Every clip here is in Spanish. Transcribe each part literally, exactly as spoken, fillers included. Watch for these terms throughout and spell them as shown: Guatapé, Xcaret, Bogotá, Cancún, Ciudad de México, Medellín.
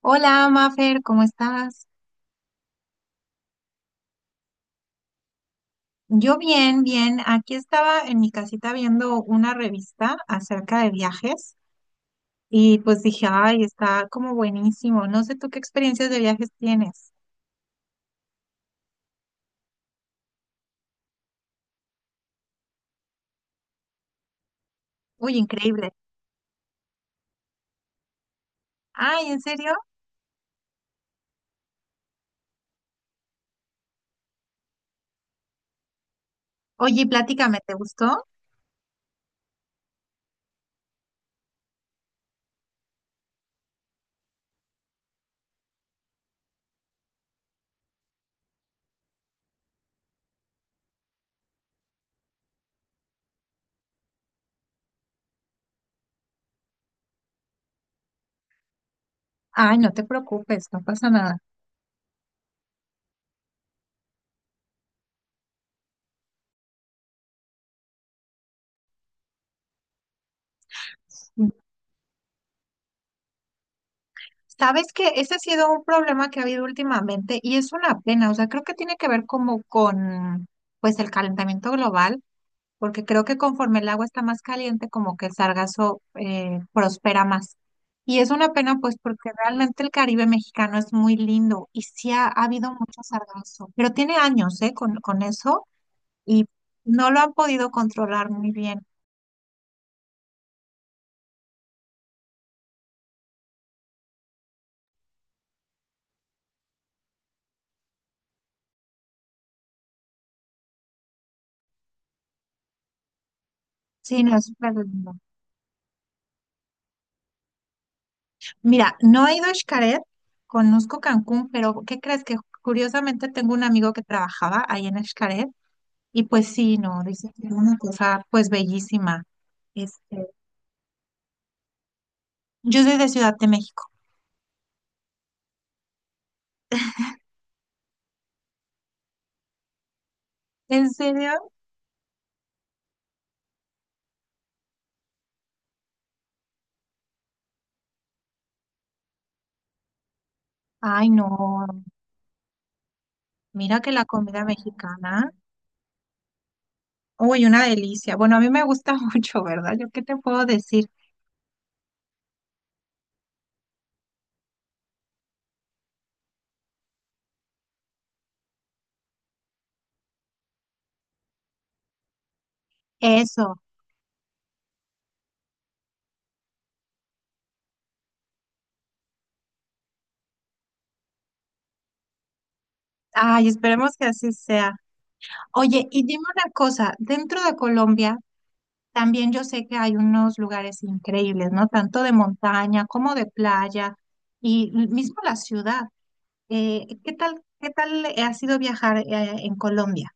Hola, Mafer, ¿cómo estás? Yo bien, bien. Aquí estaba en mi casita viendo una revista acerca de viajes y pues dije, ay, está como buenísimo. No sé tú qué experiencias de viajes tienes. Uy, increíble. Ay, ¿en serio? Oye, platícame, ¿te gustó? Ay, no te preocupes, no pasa nada. Mm. Sabes que ese ha sido un problema que ha habido últimamente y es una pena, o sea, creo que tiene que ver como con pues el calentamiento global porque creo que conforme el agua está más caliente, como que el sargazo eh, prospera más. Y es una pena, pues, porque realmente el Caribe mexicano es muy lindo y sí ha, ha habido mucho sargazo, pero tiene años, ¿eh? Con, con eso y no lo han podido controlar muy bien. Sí, no es súper lindo. Mira, no he ido a Xcaret, conozco Cancún, pero ¿qué crees? Que curiosamente tengo un amigo que trabajaba ahí en Xcaret y pues sí, no, dice que es una cosa pues bellísima. Este, yo soy de Ciudad de México. ¿En serio? Ay, no. Mira que la comida mexicana. Uy, una delicia. Bueno, a mí me gusta mucho, ¿verdad? ¿Yo qué te puedo decir? Eso. Ay, esperemos que así sea. Oye, y dime una cosa. Dentro de Colombia, también yo sé que hay unos lugares increíbles, ¿no? Tanto de montaña como de playa y l- mismo la ciudad. Eh, ¿qué tal, qué tal ha sido viajar, eh, en Colombia?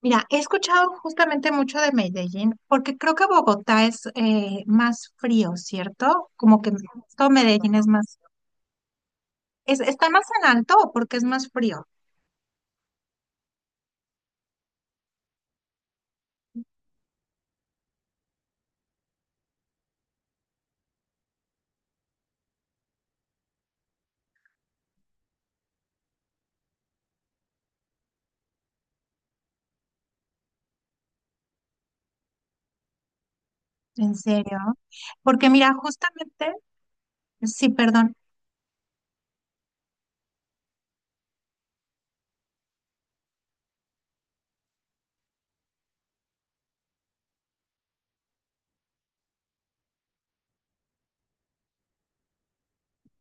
Mira, he escuchado justamente mucho de Medellín, porque creo que Bogotá es eh, más frío, ¿cierto? Como que todo Medellín es más, es, ¿está más en alto o porque es más frío? En serio. Porque mira, justamente, sí, perdón,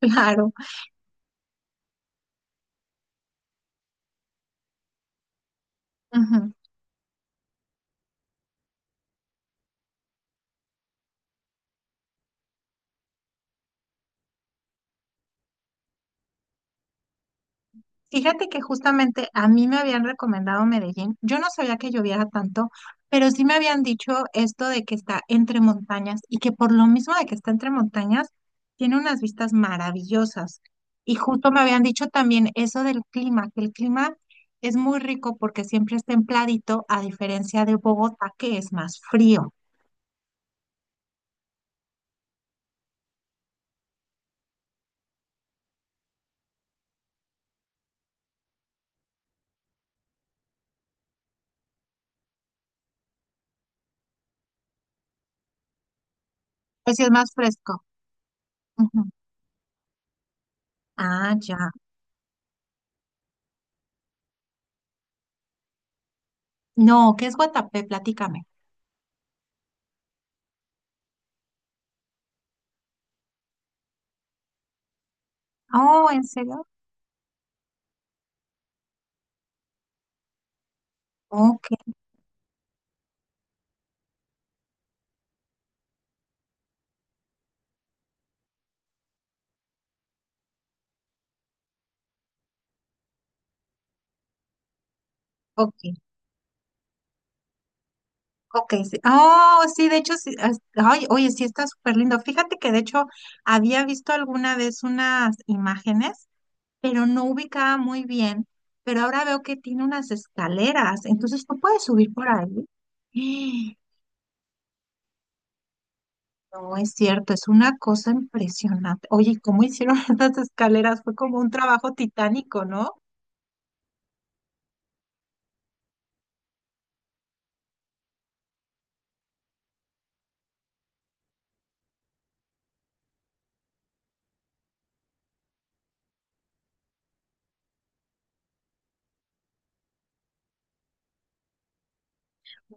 claro. Ujú. Fíjate que justamente a mí me habían recomendado Medellín. Yo no sabía que lloviera tanto, pero sí me habían dicho esto de que está entre montañas y que por lo mismo de que está entre montañas, tiene unas vistas maravillosas. Y justo me habían dicho también eso del clima, que el clima es muy rico porque siempre es templadito, a diferencia de Bogotá, que es más frío. Pues sí es más fresco. Ujú. Ah, ya. No, ¿qué es Guatapé? Platícame. Oh, ¿en serio? Ok, ok. Ok, sí. Oh, sí, de hecho, sí. as- Ay, oye, sí, está súper lindo. Fíjate que de hecho había visto alguna vez unas imágenes, pero no ubicaba muy bien. Pero ahora veo que tiene unas escaleras, entonces tú puedes subir por ahí. ¡Eh! No es cierto, es una cosa impresionante. Oye, ¿y ¿cómo hicieron estas escaleras? Fue como un trabajo titánico, ¿no?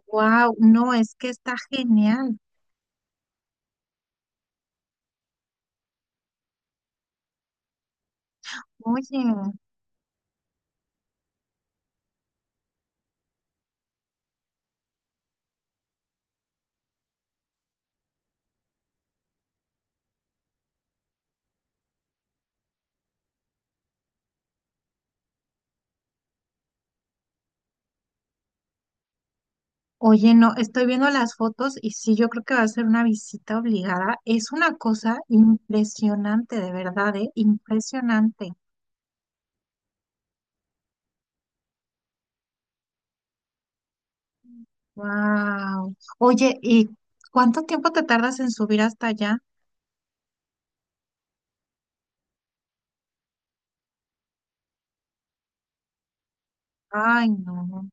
Wow, no, es que está genial. Oye. Oye, no, estoy viendo las fotos y sí, yo creo que va a ser una visita obligada. Es una cosa impresionante, de verdad, ¿eh? Impresionante. Wow. Oye, ¿y cuánto tiempo te tardas en subir hasta allá? Ay, no.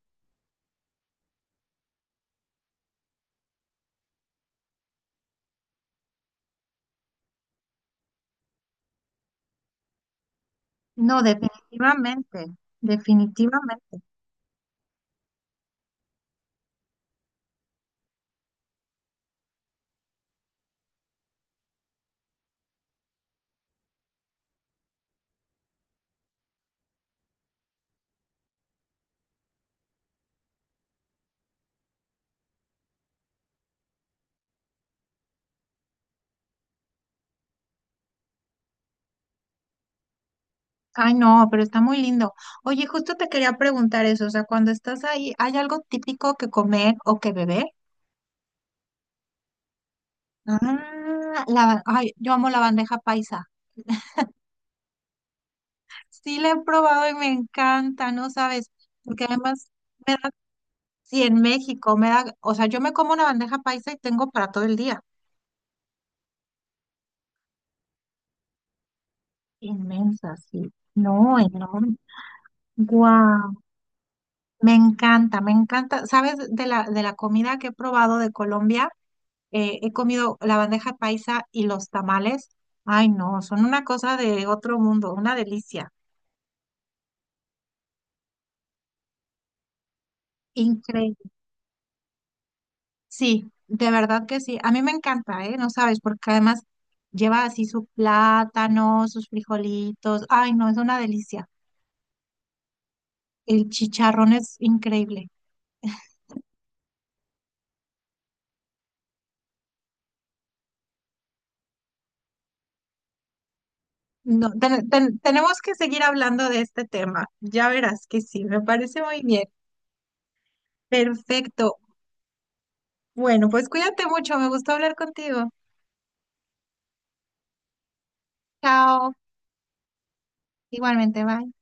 No, definitivamente, definitivamente. Ay, no, pero está muy lindo. Oye, justo te quería preguntar eso, o sea, cuando estás ahí, ¿hay algo típico que comer o que beber? Ah, la, ay, yo amo la bandeja paisa. Sí, la he probado y me encanta, ¿no sabes? Porque además me da, sí, en México me da, o sea, yo me como una bandeja paisa y tengo para todo el día. Inmensa, sí. No, enorme. Guau. Me encanta, me encanta. ¿Sabes? De la, de la comida que he probado de Colombia, eh, he comido la bandeja paisa y los tamales. Ay, no, son una cosa de otro mundo, una delicia. Increíble. Sí, de verdad que sí. A mí me encanta, ¿eh? No sabes, porque además lleva así su plátano, sus frijolitos. Ay, no, es una delicia. El chicharrón es increíble. No, ten- ten- tenemos que seguir hablando de este tema. Ya verás que sí, me parece muy bien. Perfecto. Bueno, pues cuídate mucho. Me gustó hablar contigo. Chao. Igualmente, bye.